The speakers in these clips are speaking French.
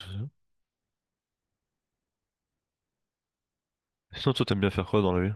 Sinon, toi, t'aimes bien faire quoi dans la vie?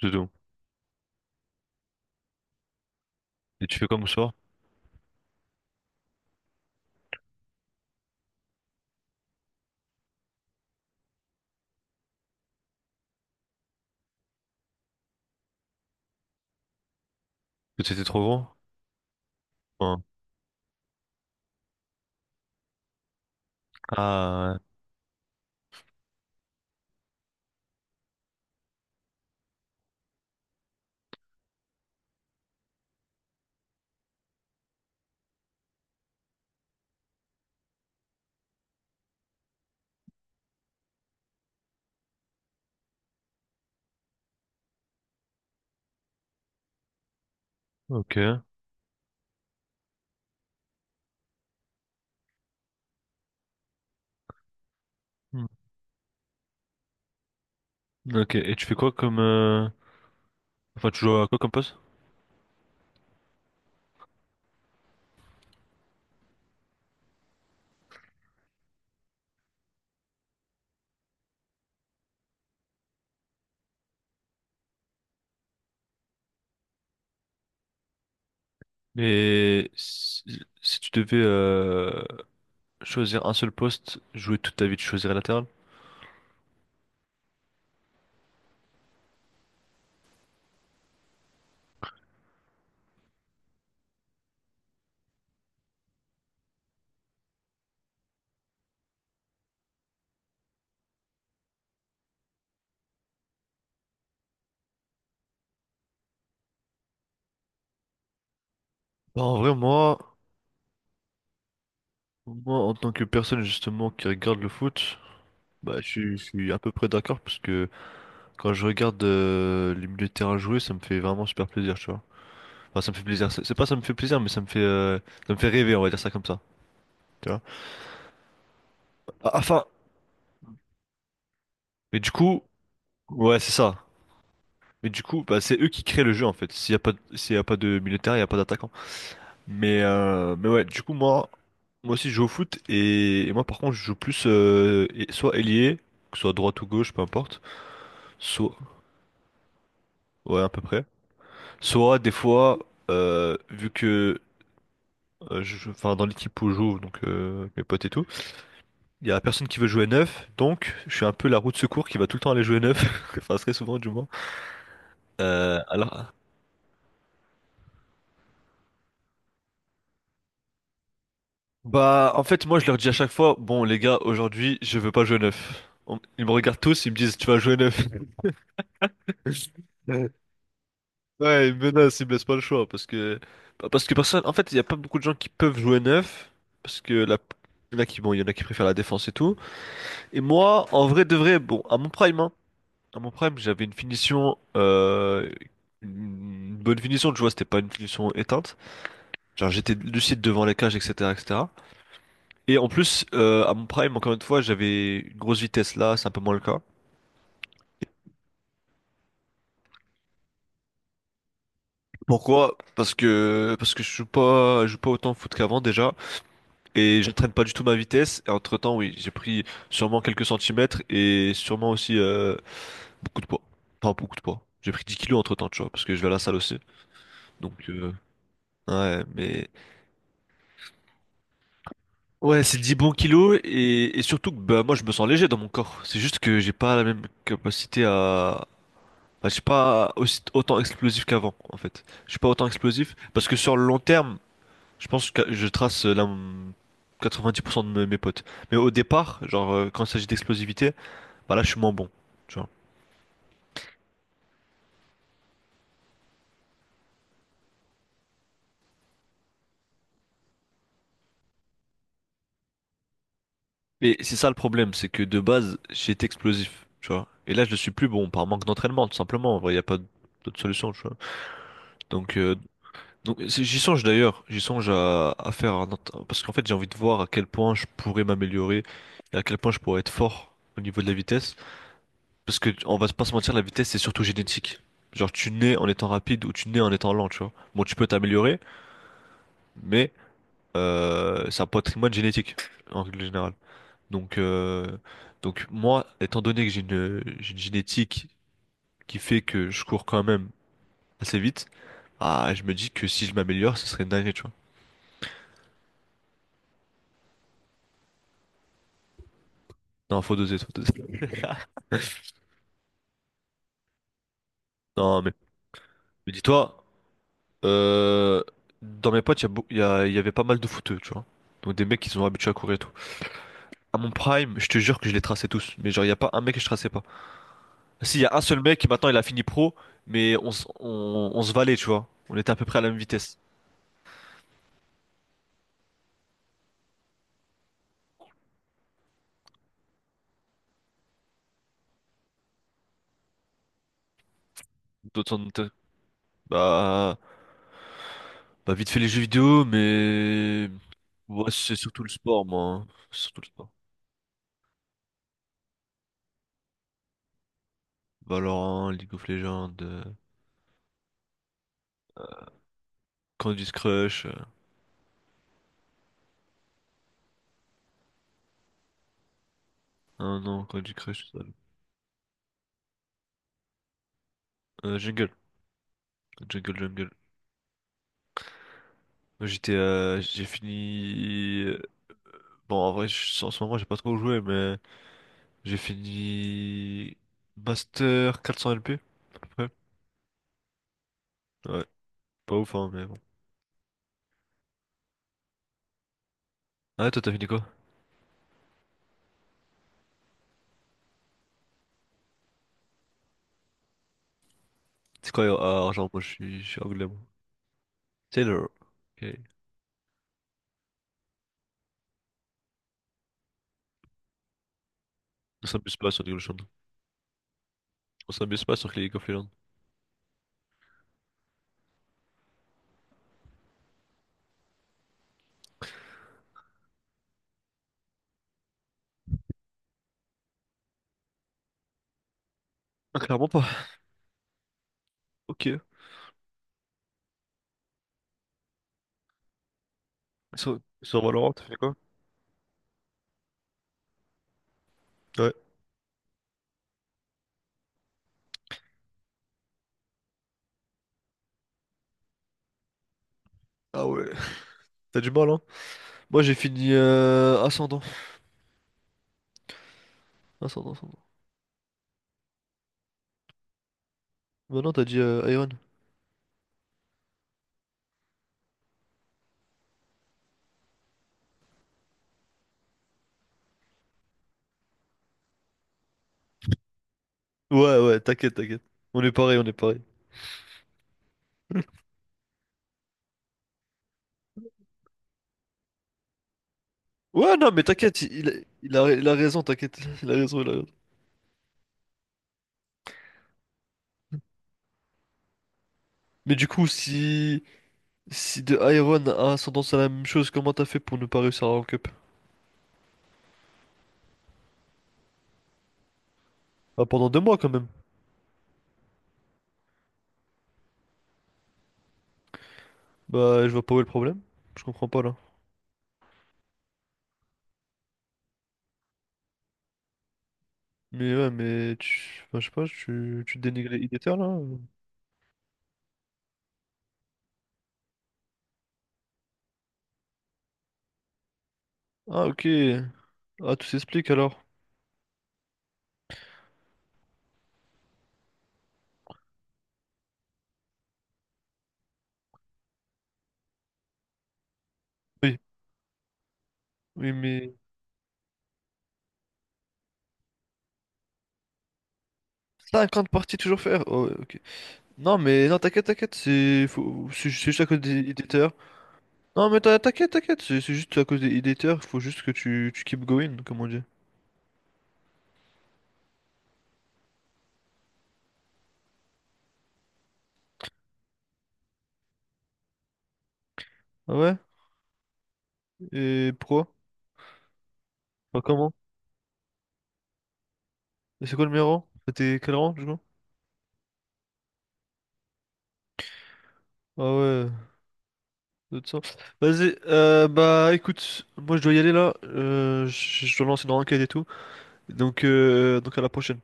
Du tout. Et tu fais comme sport? Parce que t'étais trop gros? Enfin, ah, ouais. Ok. Hmm. Ok, et tu fais quoi comme... enfin, tu joues à quoi comme poste? Et si, si tu devais choisir un seul poste, jouer toute ta vie, tu choisirais latéral? Bah, en vrai, moi, moi, en tant que personne justement qui regarde le foot, bah, je suis à peu près d'accord parce que quand je regarde les milieux de terrain jouer, ça me fait vraiment super plaisir, tu vois. Enfin, ça me fait plaisir. C'est pas ça me fait plaisir, mais ça me fait rêver, on va dire ça comme ça. Tu vois? Ah, enfin, mais du coup, ouais, c'est ça. Mais du coup, bah, c'est eux qui créent le jeu en fait. S'il y a pas, s'il y a pas de militaire, il y a pas d'attaquant. Mais ouais, du coup, moi, moi aussi, je joue au foot et moi, par contre, je joue plus soit ailier, que ce soit droite ou gauche, peu importe. Soit, ouais, à peu près. Soit des fois, vu que, enfin, dans l'équipe où je joue, donc mes potes et tout. Il y a personne qui veut jouer neuf, donc je suis un peu la roue de secours qui va tout le temps aller jouer neuf, enfin très souvent du moins. Euh, alors, bah en fait moi je leur dis à chaque fois, bon les gars aujourd'hui je veux pas jouer neuf. Ils me regardent tous, ils me disent tu vas jouer neuf. Ouais, ils me menacent, ils me laissent pas le choix parce que bah, parce que personne, en fait il y a pas beaucoup de gens qui peuvent jouer neuf parce que la... Il y en a qui bon il y en a qui préfèrent la défense et tout. Et moi en vrai de vrai bon à mon prime hein, à mon prime j'avais une finition Une bonne finition de vois c'était pas une finition éteinte. Genre j'étais lucide devant les cages, etc., etc. Et cetera. Et en plus, à mon prime, encore une fois, j'avais une grosse vitesse là, c'est un peu moins le cas. Pourquoi? Parce que je joue pas autant au foot qu'avant déjà, et je traîne pas du tout ma vitesse. Et entre-temps, oui, j'ai pris sûrement quelques centimètres et sûrement aussi beaucoup de poids. Enfin, beaucoup de poids. J'ai pris 10 kilos entre-temps, tu vois, parce que je vais à la salle aussi. Donc, ouais, mais... Ouais, c'est 10 bons kilos, et surtout que bah, moi, je me sens léger dans mon corps. C'est juste que j'ai pas la même capacité à, bah, je suis pas aussi, autant explosif qu'avant, en fait. Je suis pas autant explosif parce que sur le long terme, je pense que je trace la, 90% de mes potes. Mais au départ, genre, quand il s'agit d'explosivité, bah là, je suis moins bon, tu vois. Et c'est ça le problème, c'est que de base, j'étais explosif, tu vois. Et là, je ne suis plus bon par manque d'entraînement, tout simplement. En vrai, il n'y a pas d'autre solution, tu vois. Donc, euh, donc j'y songe d'ailleurs, j'y songe à faire un parce qu'en fait, j'ai envie de voir à quel point je pourrais m'améliorer et à quel point je pourrais être fort au niveau de la vitesse. Parce que, on va pas se mentir, la vitesse, c'est surtout génétique. Genre, tu nais en étant rapide ou tu nais en étant lent, tu vois. Bon, tu peux t'améliorer, mais c'est un patrimoine génétique, en règle générale. Donc, euh, donc moi, étant donné que j'ai une génétique qui fait que je cours quand même assez vite, ah, je me dis que si je m'améliore, ce serait une dinguerie, tu vois. Non, faut doser, faut doser. Non, mais dis-toi, euh, dans mes potes, il y, a beau- il y a- il y avait pas mal de footeux, tu vois. Donc, des mecs qui sont habitués à courir et tout. À mon prime, je te jure que je les traçais tous. Mais genre, il y a pas un mec que je traçais pas. Si, il y a un seul mec qui maintenant il a fini pro, mais on se valait, tu vois. On était à peu près à la même vitesse. D'autant de- Bah, bah, vite fait les jeux vidéo, mais. Ouais, c'est surtout le sport, moi. Hein. C'est surtout le sport. Valorant, League of Legends, Candy Crush. Ah non, Candy Crush, ça. Jungle. Jungle. Moi, J'étais. J'ai fini. Bon, en vrai, en ce moment, j'ai pas trop joué, mais. J'ai fini Master 400 LP, à peu près. Ouais, pas ouf, hein, mais bon. Ah, ouais, toi, t'as fini quoi? C'est quoi argent? Moi, je suis anglais, moi. Taylor. Ok. On s'amuse pas sur League of Legends. On s'amuse pas sur League of Legends. Ah, clairement pas. Ok. Sur Valorant, t'as fini quoi? Ouais. Ah ouais. T'as du mal, hein? Moi, j'ai fini Ascendant. Ascendant. Maintenant, t'as dit Iron. T'inquiète. On est pareil. Ouais, non, mais t'inquiète, il a raison, t'inquiète. Il a raison. Mais du coup, si. Si de Iron a ascendance à la même chose, comment t'as fait pour ne pas réussir à rank up? Bah, pendant 2 mois quand même. Bah, je vois pas où est le problème. Je comprends pas là. Mais ouais, mais tu. Enfin, je sais pas, tu dénigres les Idéter là? Ou- Ah, ok. Ah, tout s'explique alors. Oui, oui, mais. 50 parties toujours faire? Oh, ouais, ok. Non, mais non, t'inquiète, t'inquiète, c'est. Faut- C'est juste à cause des Idéter. Non, mais t'in- t'inquiète, t'inquiète, c'est juste à cause des Idéter, faut juste que tu keep going, comme on dit. Ah ouais? Et pourquoi? Enfin, comment? Et c'est quoi le meilleur rang? C'était quel rang, du coup? Ah ouais, de toute vas-y, bah écoute, moi je dois y aller là, je dois lancer dans l'enquête et tout. Donc à la prochaine.